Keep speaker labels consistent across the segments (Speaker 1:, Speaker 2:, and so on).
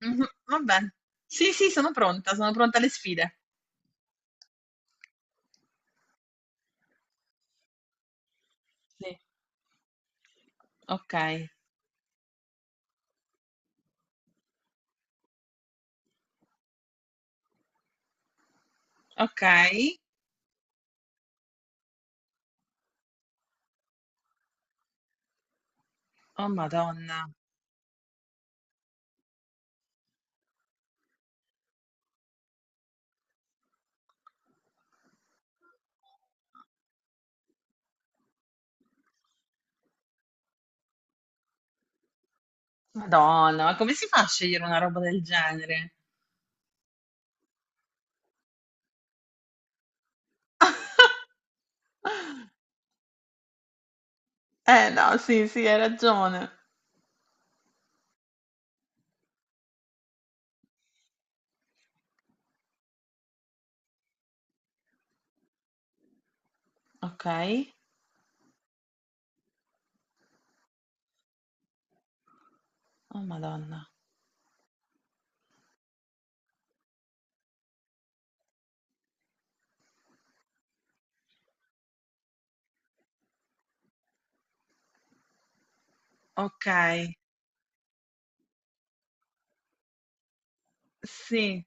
Speaker 1: Mh-mh, vabbè. Sì, sì, sono pronta alle sfide. Sì. Okay, okay. Oh madonna, madonna, ma come si fa a scegliere una roba del genere? Eh no, sì, sì, hai ragione. Okay. Oh madonna. Okay, sì,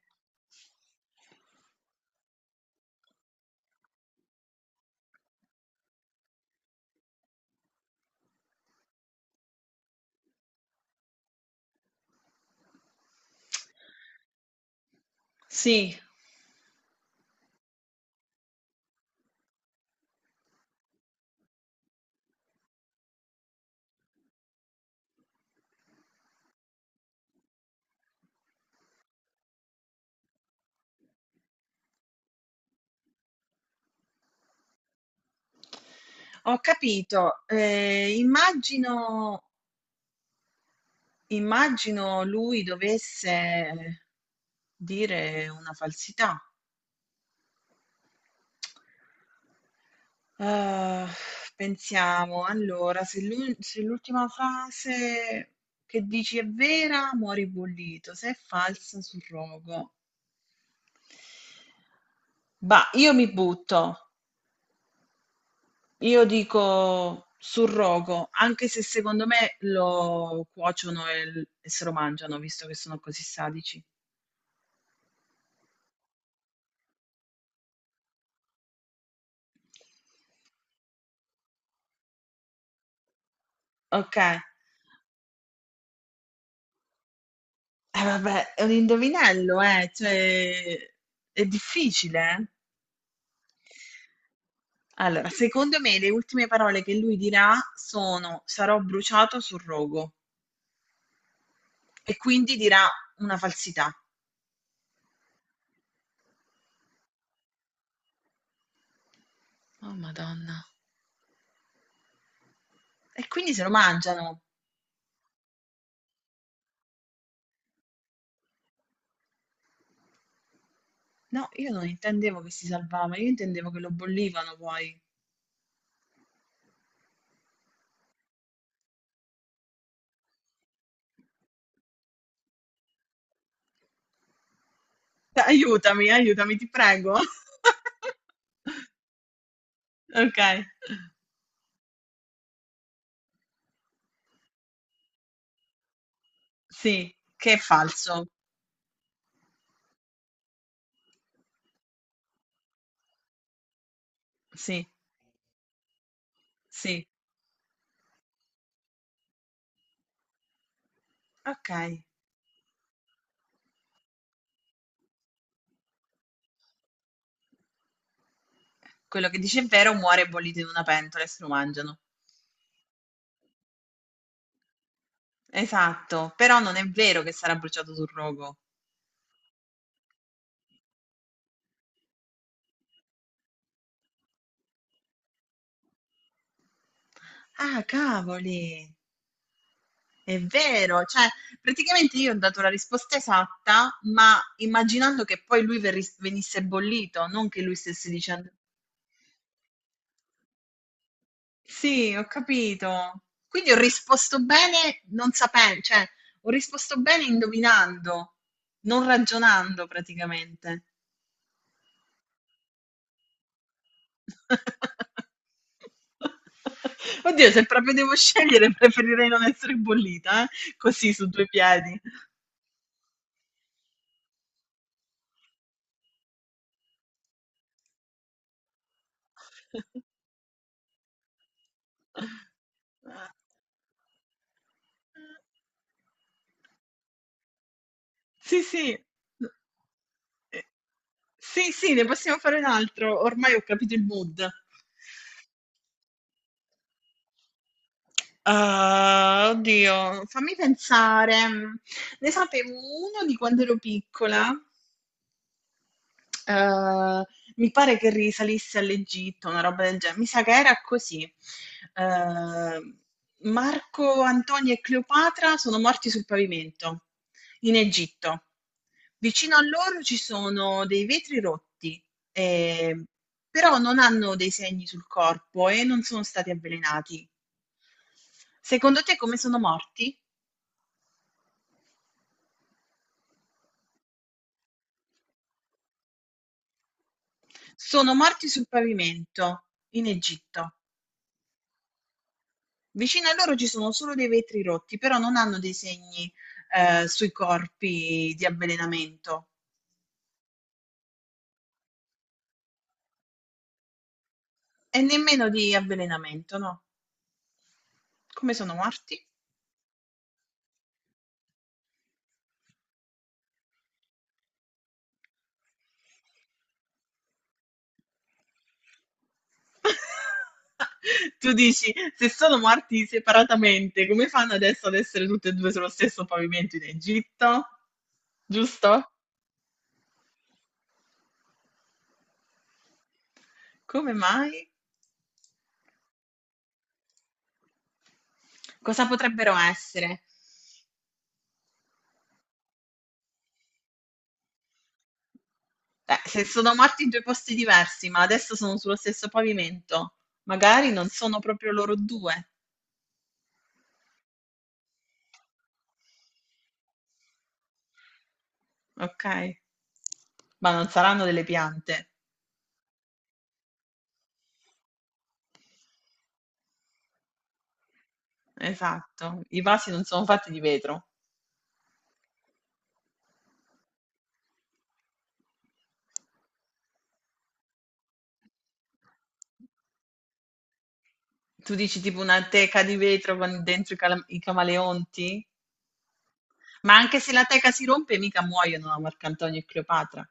Speaker 1: sì. Ho capito. Immagino lui dovesse dire una falsità. Ah, pensiamo, allora, se l'ultima frase che dici è vera, muori bollito, se è falsa, surrogo. Bah, io mi butto, io dico surrogo, anche se secondo me lo cuociono e se lo mangiano, visto che sono così sadici. Ok, vabbè, è un indovinello, cioè, è difficile, eh? Allora, secondo me le ultime parole che lui dirà sono, sarò bruciato sul rogo, e quindi dirà una falsità. Oh, Madonna. E quindi se lo mangiano. No, io non intendevo che si salvava, io intendevo che lo bollivano poi. Aiutami, aiutami, ti prego. Ok, sì, che è falso. Sì, sì. Ok. Quello che dice è vero, muore bollito in una pentola e se lo mangiano. Esatto, però non è vero che sarà bruciato sul rogo. Ah, cavoli! È vero, cioè praticamente io ho dato la risposta esatta, ma immaginando che poi lui venisse bollito, non che lui stesse dicendo. Sì, ho capito. Quindi ho risposto bene non sapendo, cioè ho risposto bene indovinando, non ragionando praticamente. Oddio, se proprio devo scegliere, preferirei non essere bollita, eh? Così su due piedi. Sì, sì. Eh, sì, sì, ne possiamo fare un altro. Ormai ho capito il mood. Ah, oddio, fammi pensare. Ne sapevo uno di quando ero piccola. Ehm, mi pare che risalisse all'Egitto, una roba del genere. Mi sa che era così. Ehm, Marco Antonio e Cleopatra sono morti sul pavimento in Egitto. Vicino a loro ci sono dei vetri rotti, ehm, però non hanno dei segni sul corpo e non sono stati avvelenati. Secondo te come sono morti? Sono morti sul pavimento in Egitto. Vicino a loro ci sono solo dei vetri rotti, però non hanno dei segni, sui corpi di avvelenamento e nemmeno di avvelenamento, no. Come sono morti? Tu dici: "Se sono morti separatamente, come fanno adesso ad essere tutti e due sullo stesso pavimento in Egitto?" Giusto? Come mai? Cosa potrebbero essere? Se sono morti in due posti diversi, ma adesso sono sullo stesso pavimento, magari non sono proprio loro due. Ok? Ma non saranno delle piante, esatto. I vasi non sono fatti di vetro. Tu dici tipo una teca di vetro con dentro i camaleonti? Ma anche se la teca si rompe, mica muoiono a Marcantonio e Cleopatra.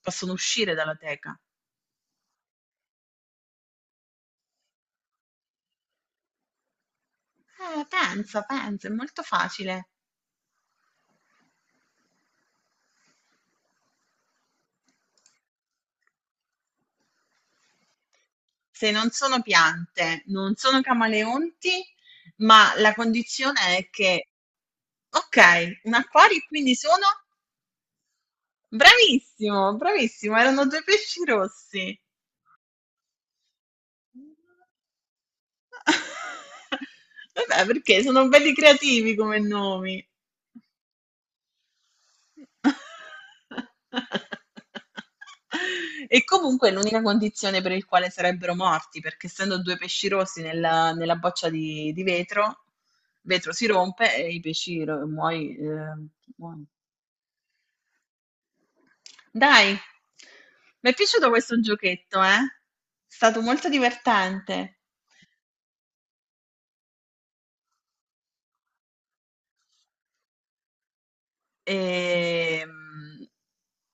Speaker 1: Possono uscire dalla teca. Pensa, pensa, è molto facile. Se non sono piante, non sono camaleonti, ma la condizione è che, ok, un acquario e quindi sono? Bravissimo, bravissimo, erano due pesci rossi. Vabbè, perché sono belli creativi come nomi. E comunque è l'unica condizione per il quale sarebbero morti, perché essendo due pesci rossi nella boccia di vetro, il vetro si rompe e i pesci muoiono. Dai, mi è piaciuto questo giochetto, eh? È stato molto divertente. Ehm,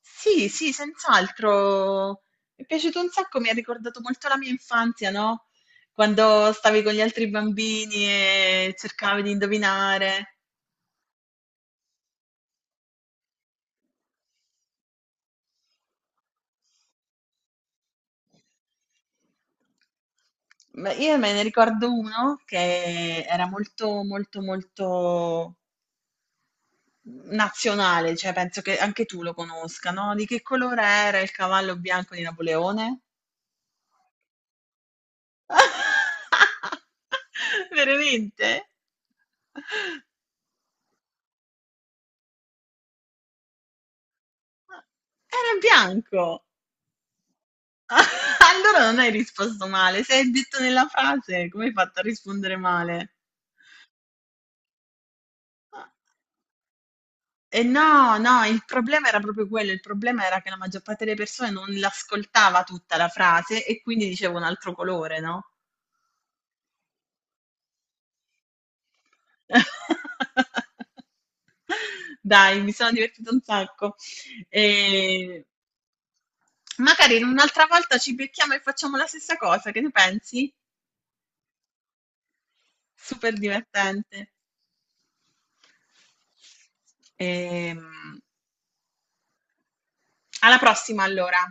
Speaker 1: sì, sì, senz'altro. Mi è piaciuto un sacco, mi ha ricordato molto la mia infanzia, no? Quando stavi con gli altri bambini e cercavi di indovinare. Ma io me ne ricordo uno che era molto, molto, molto nazionale, cioè penso che anche tu lo conosca, no? Di che colore era il cavallo bianco di Napoleone? Veramente? Era bianco! Allora non hai risposto male. Se hai detto nella frase, come hai fatto a rispondere male? E no, no, il problema era proprio quello, il problema era che la maggior parte delle persone non l'ascoltava tutta la frase e quindi diceva un altro colore, no? Dai, mi sono divertita un sacco. E magari un'altra volta ci becchiamo e facciamo la stessa cosa, che ne pensi? Super divertente. Ehm, alla prossima allora.